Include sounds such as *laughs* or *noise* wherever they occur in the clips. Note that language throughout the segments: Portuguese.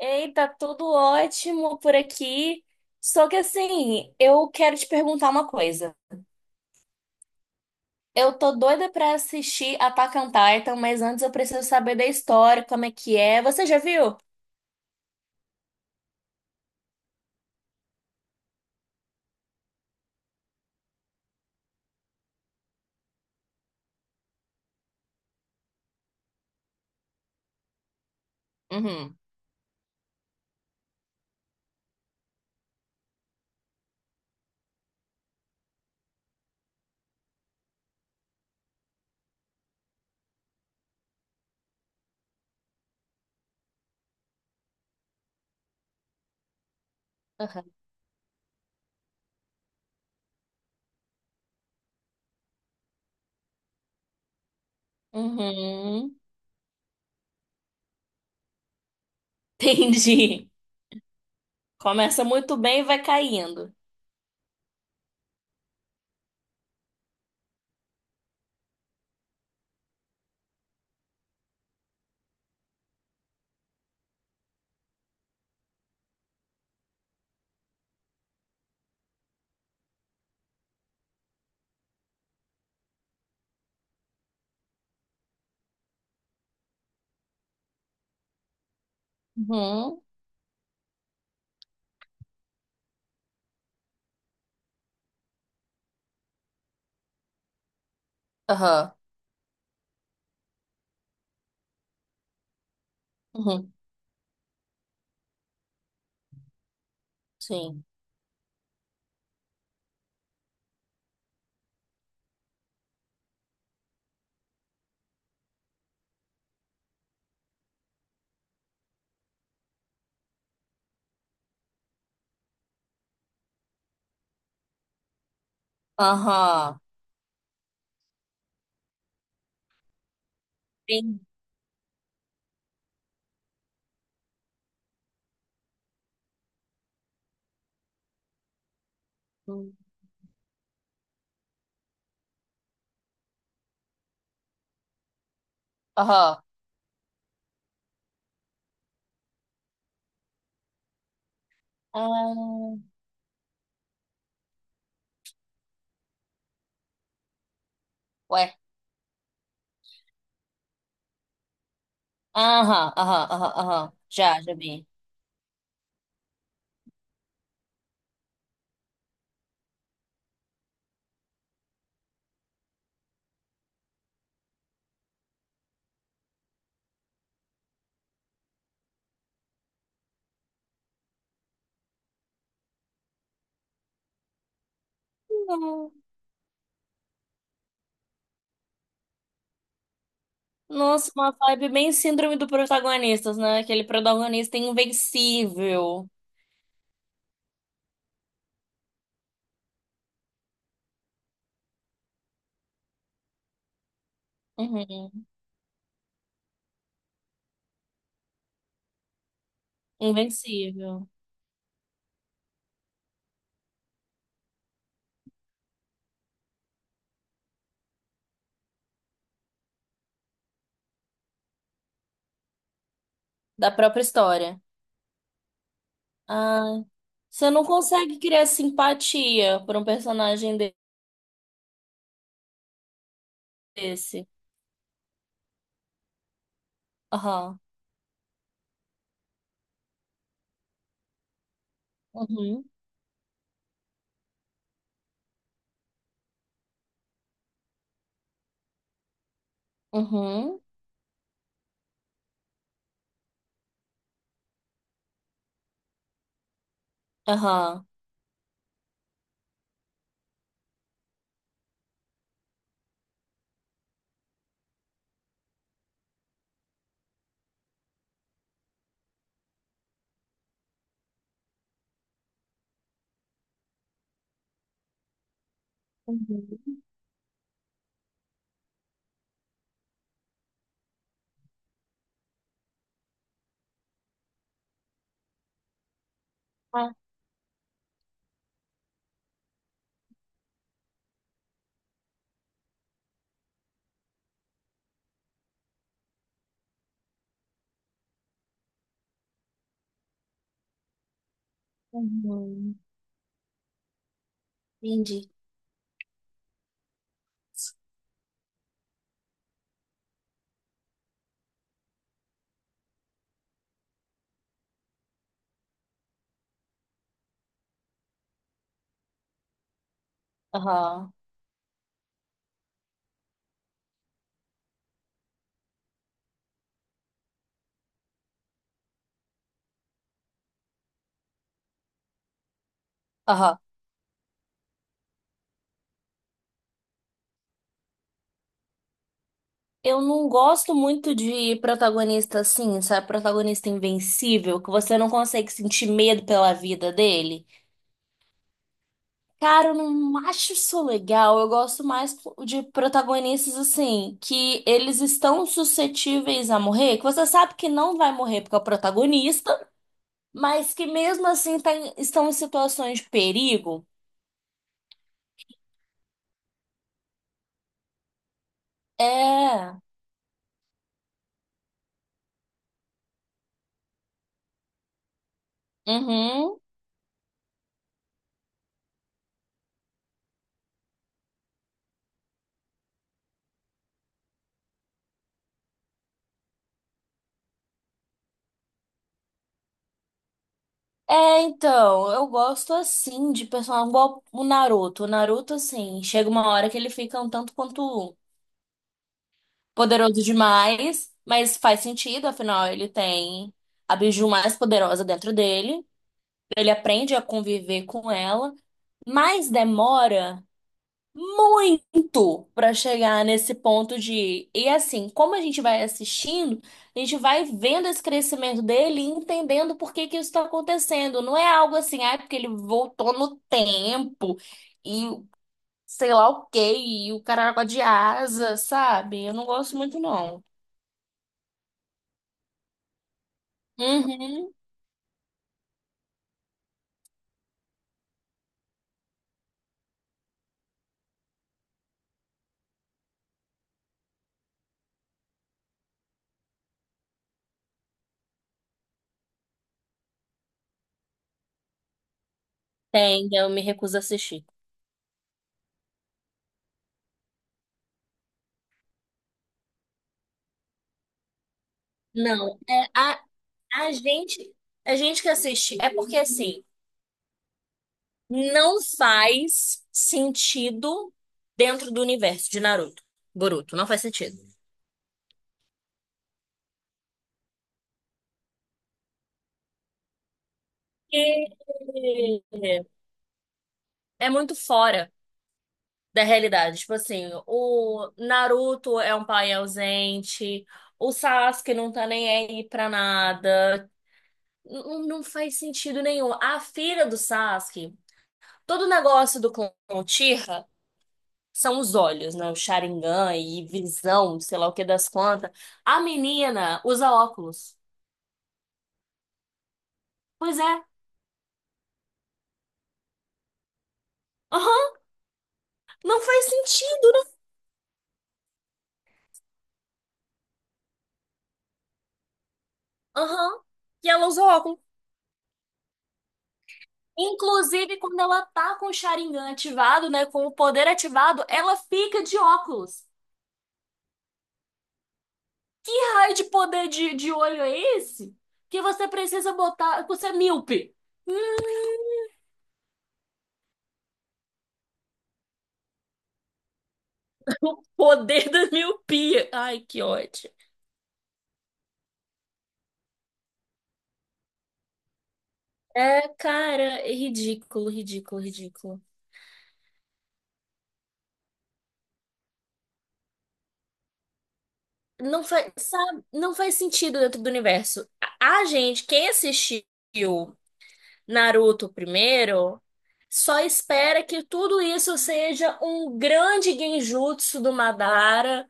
Ei, tá tudo ótimo por aqui. Só que assim, eu quero te perguntar uma coisa. Eu tô doida pra assistir Attack on Titan, mas antes eu preciso saber da história, como é que é. Você já viu? Uhum. Aham. Uhum. *laughs* Entendi. Começa muito bem e vai caindo. Uhum. Aham. Uhum. Sim. Aham. Sim. Aham. Ah, ué. Aham, aham, aham, aham. Já vi. Nossa, uma vibe bem síndrome do protagonista, né? Aquele protagonista invencível. Uhum. Invencível. Da própria história. Ah, você não consegue criar simpatia por um personagem desse. Aham. Uhum. Uhum. Aham. Uhum. Ah, uhum. Entendi. Aham. Aham. Eu não gosto muito de protagonista assim, sabe? Protagonista invencível, que você não consegue sentir medo pela vida dele. Cara, eu não acho isso legal. Eu gosto mais de protagonistas assim, que eles estão suscetíveis a morrer, que você sabe que não vai morrer porque é o protagonista, mas que mesmo assim estão em situações de perigo. É. Uhum. É, então, eu gosto assim de personagem igual o Naruto. O Naruto, assim, chega uma hora que ele fica um tanto quanto poderoso demais, mas faz sentido, afinal, ele tem a biju mais poderosa dentro dele. Ele aprende a conviver com ela, mas demora muito para chegar nesse ponto de. E assim, como a gente vai assistindo, a gente vai vendo esse crescimento dele e entendendo por que que isso está acontecendo. Não é algo assim, ah, é porque ele voltou no tempo e sei lá o quê, e o caramba de asa, sabe? Eu não gosto muito, não. Uhum. Tem, eu me recuso a assistir. Não, é a gente, a gente que assiste, é porque assim. Não faz sentido dentro do universo de Naruto, Boruto, não faz sentido. E é muito fora da realidade. Tipo assim, o Naruto é um pai ausente, o Sasuke não tá nem aí pra nada. Não, não faz sentido nenhum. A filha do Sasuke, todo o negócio do clã Uchiha são os olhos, né? O Sharingan e visão, sei lá o que das quantas. A menina usa óculos. Pois é. Aham. Não faz sentido, não. Aham. E ela usa óculos. Inclusive, quando ela tá com o Sharingan ativado, né? Com o poder ativado, ela fica de óculos. Que raio de poder de olho é esse? Que você precisa botar. Você é míope. Hum, *laughs* o poder da miopia. Ai, que ódio. É, cara, é ridículo, ridículo, ridículo. Não faz, sabe, não faz sentido dentro do universo. A gente, quem assistiu Naruto primeiro, só espera que tudo isso seja um grande genjutsu do Madara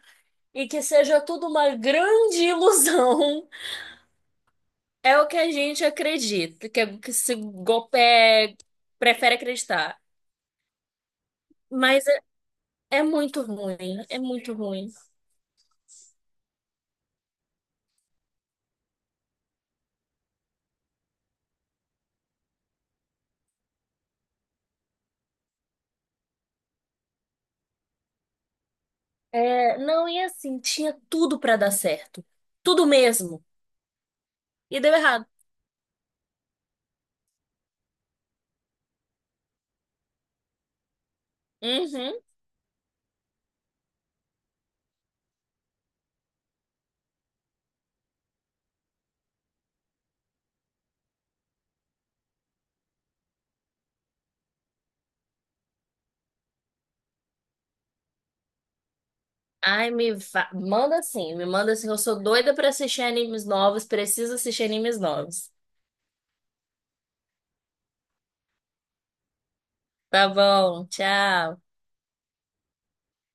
e que seja tudo uma grande ilusão. *laughs* É o que a gente acredita, que esse Gopé prefere acreditar. Mas é, é muito ruim, é muito ruim. É, não, e assim, tinha tudo pra dar certo. Tudo mesmo. E deu errado. Uhum. Ai, manda sim, me manda sim. Eu sou doida pra assistir animes novos, preciso assistir animes novos. Tá bom, tchau.